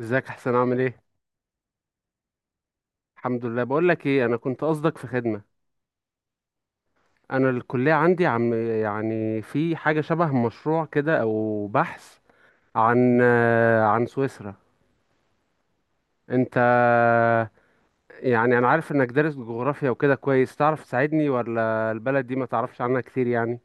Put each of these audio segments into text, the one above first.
ازيك؟ احسن؟ عامل ايه؟ الحمد لله. بقول لك ايه، انا كنت قصدك في خدمه. انا الكليه عندي، عم يعني في حاجه شبه مشروع كده او بحث عن سويسرا. انت يعني انا عارف انك دارس جغرافيا وكده كويس، تعرف تساعدني؟ ولا البلد دي ما تعرفش عنها كتير يعني؟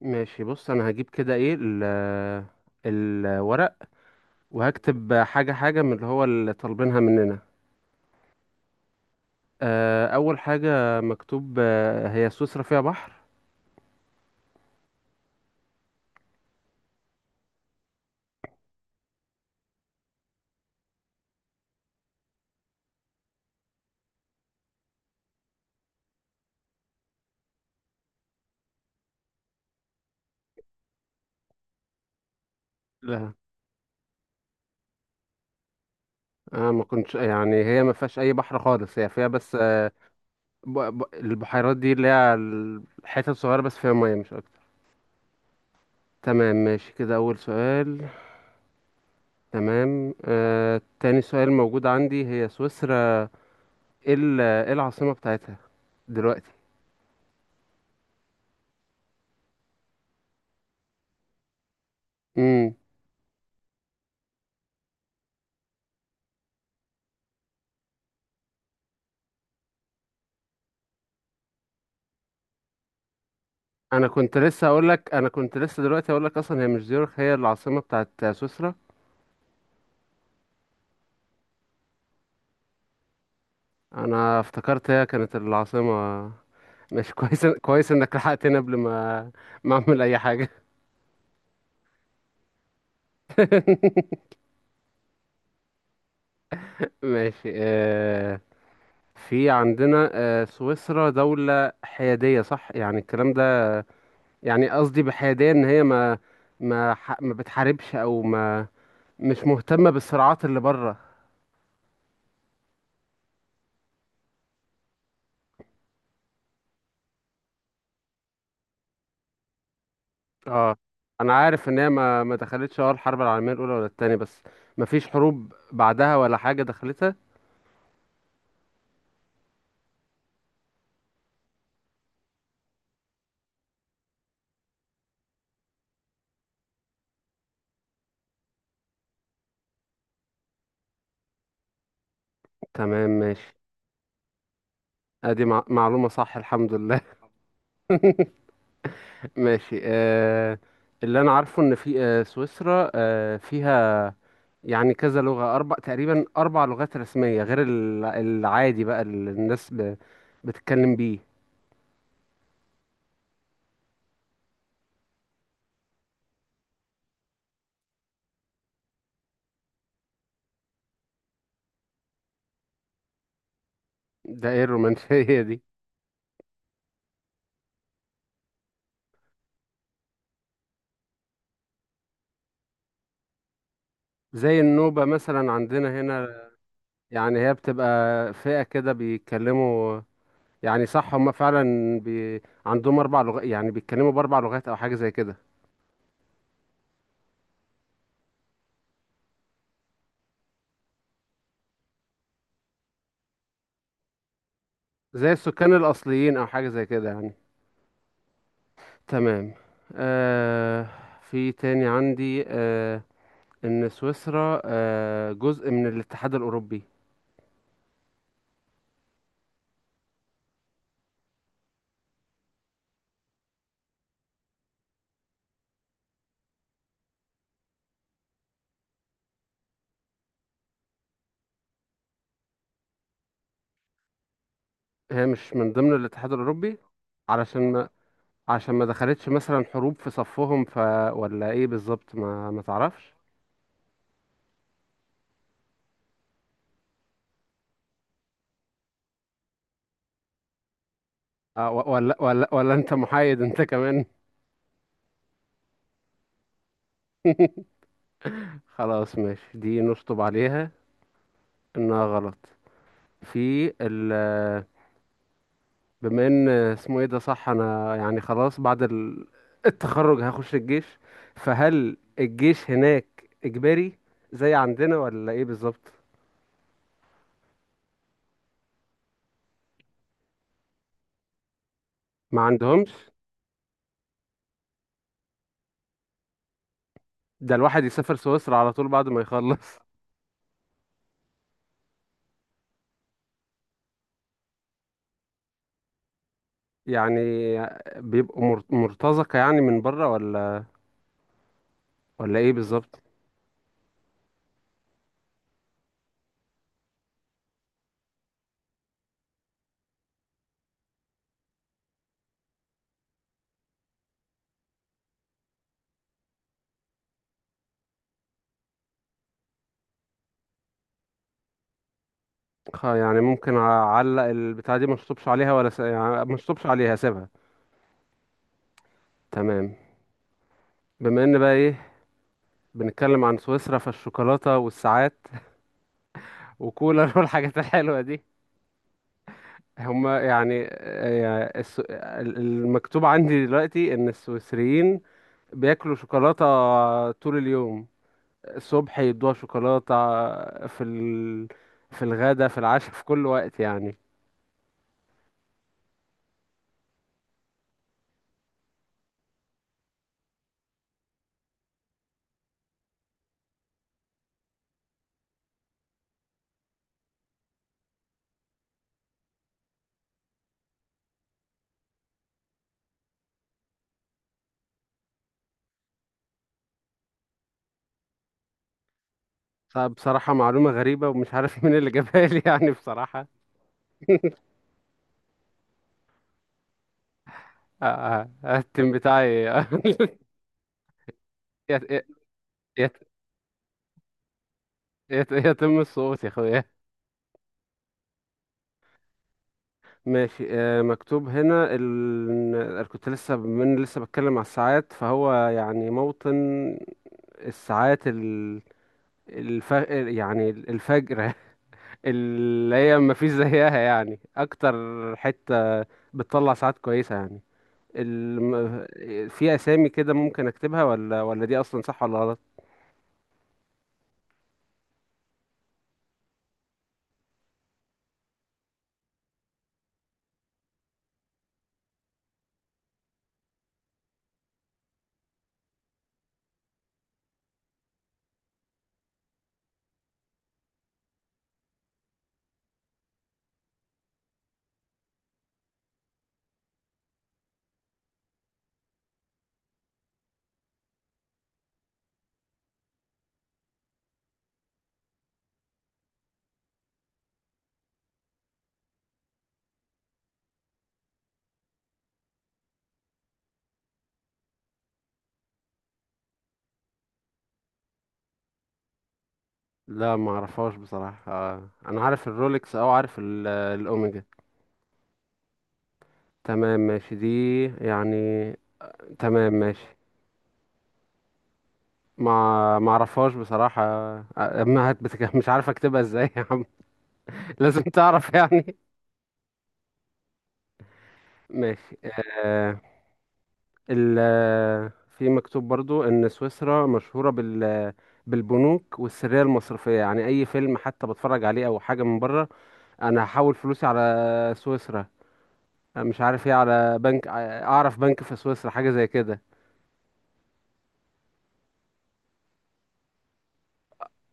ماشي، بص، انا هجيب كده ايه الورق، وهكتب حاجه حاجه من اللي هو اللي طالبينها مننا. اول حاجه مكتوب، هي سويسرا فيها بحر؟ لا، انا ما كنتش يعني، هي ما فيهاش اي بحر خالص، هي فيها بس البحيرات دي اللي هي الحتت صغيره بس فيها ميه، مش اكتر. تمام، ماشي كده اول سؤال. تمام، تاني سؤال موجود عندي، هي سويسرا ايه ايه العاصمه بتاعتها دلوقتي؟ امم. انا كنت لسه اقول لك، انا كنت لسه دلوقتي اقول لك اصلا هي مش زيورخ، هي العاصمه بتاعت سويسرا. انا افتكرت هي كانت العاصمه. ماشي، كويس كويس انك لحقتني قبل ما اعمل اي حاجه. ماشي. في عندنا سويسرا دولة حيادية، صح يعني الكلام ده؟ يعني قصدي بحيادية ان هي ما ما بتحاربش، او ما مش مهتمة بالصراعات اللي بره. اه، انا عارف ان هي ما دخلتش اه الحرب العالمية الاولى ولا التانية، بس ما فيش حروب بعدها ولا حاجة دخلتها؟ تمام ماشي. ادي معلومة صح، الحمد لله. ماشي. اللي انا عارفه ان في سويسرا، فيها يعني كذا لغة، أربع تقريبا، أربع لغات رسمية غير العادي بقى اللي الناس بتتكلم بيه. ده ايه الرومانسية دي؟ زي النوبة مثلا عندنا هنا. يعني هي بتبقى فئة كده بيتكلموا. يعني صح، هما فعلا عندهم أربع لغات، يعني بيتكلموا بأربع لغات أو حاجة زي كده. زي السكان الأصليين أو حاجة زي كده يعني. تمام. آه في تاني عندي، إن سويسرا جزء من الاتحاد الأوروبي. هي مش من ضمن الاتحاد الأوروبي علشان ما عشان ما دخلتش مثلا حروب في صفهم، ف ولا ايه بالظبط، ما تعرفش؟ ولا انت محايد انت كمان؟ خلاص ماشي، دي نشطب عليها انها غلط. في ال بما ان اسمه ايه ده، صح، انا يعني خلاص بعد التخرج هخش الجيش، فهل الجيش هناك اجباري زي عندنا، ولا ايه بالظبط؟ ما عندهمش؟ ده الواحد يسافر سويسرا على طول بعد ما يخلص. يعني بيبقوا مرتزقة يعني من بره، ولا ايه بالظبط؟ يعني ممكن اعلق البتاعة دي، ما اشطبش عليها، ولا يعني ما اشطبش عليها اسيبها؟ تمام. بما ان بقى ايه، بنتكلم عن سويسرا، فالشوكولاتة والساعات وكولا والحاجات الحلوة دي. هما يعني، المكتوب عندي دلوقتي ان السويسريين بياكلوا شوكولاتة طول اليوم، الصبح يدوها شوكولاتة في في الغدا، في العشاء، في كل وقت يعني؟ بصراحة معلومة غريبة، ومش عارف مين اللي جابها لي يعني بصراحة. التيم بتاعي! يت- يت- يت- يتم السقوط يا اخويا. ماشي. مكتوب هنا أنا كنت لسه، من لسه بتكلم على الساعات، فهو يعني موطن الساعات الف... يعني الفجرة. اللي هي ما فيش زيها يعني، اكتر حتة بتطلع ساعات كويسة يعني. الم... في اسامي كده ممكن اكتبها، ولا ولا دي اصلا صح ولا غلط؟ لا، ما اعرفهاش بصراحة. انا عارف الرولكس، او عارف الاوميجا. تمام ماشي دي يعني. تمام ماشي. ما اعرفهاش بصراحة، آه، ما هت بتك... مش عارف اكتبها ازاي يا عم. لازم تعرف يعني. ماشي. آه ال آه، في مكتوب برضو ان سويسرا مشهورة بالبنوك والسرية المصرفية. يعني اي فيلم حتى بتفرج عليه او حاجة من بره، انا هحول فلوسي على سويسرا، مش عارف ايه، على بنك، اعرف بنك في سويسرا حاجه زي كده.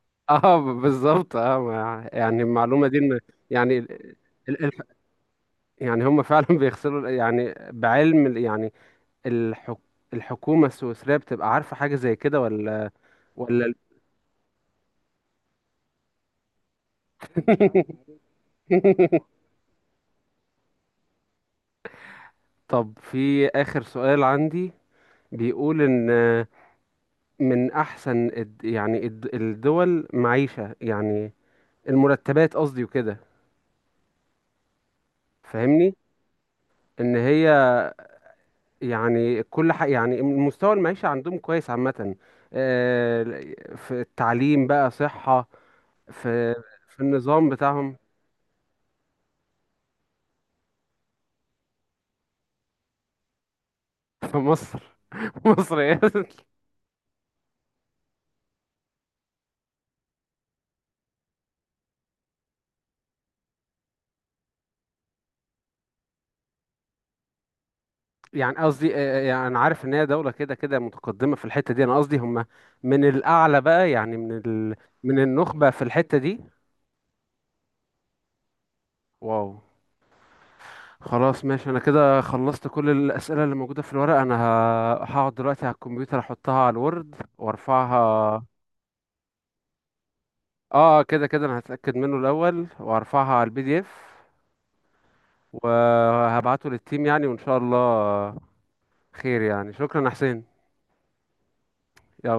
اه، بالظبط. اه، يعني المعلومه دي يعني ال- ال- يعني هم فعلا بيغسلوا يعني بعلم يعني الحك الحكومه السويسريه بتبقى عارفه حاجه زي كده، ولا طب، في اخر سؤال عندي، بيقول ان من احسن يعني الدول معيشه يعني، المرتبات قصدي وكده فاهمني، ان هي يعني كل حاجة، يعني مستوى المعيشة عندهم كويس عامة. آه، في التعليم بقى، صحة، في في النظام بتاعهم في مصر. مصر إيه؟ يعني قصدي، يعني أنا عارف إن هي دولة كده كده متقدمة في الحتة دي. أنا قصدي هم من الأعلى بقى، يعني من من النخبة في الحتة دي. واو. خلاص ماشي، أنا كده خلصت كل الأسئلة اللي موجودة في الورق. أنا هقعد دلوقتي على الكمبيوتر، أحطها على الوورد وأرفعها. اه، كده كده انا هتأكد منه الاول، وارفعها على PDF وهبعته للتيم يعني، وان شاء الله خير يعني. شكرا يا حسين. يلا.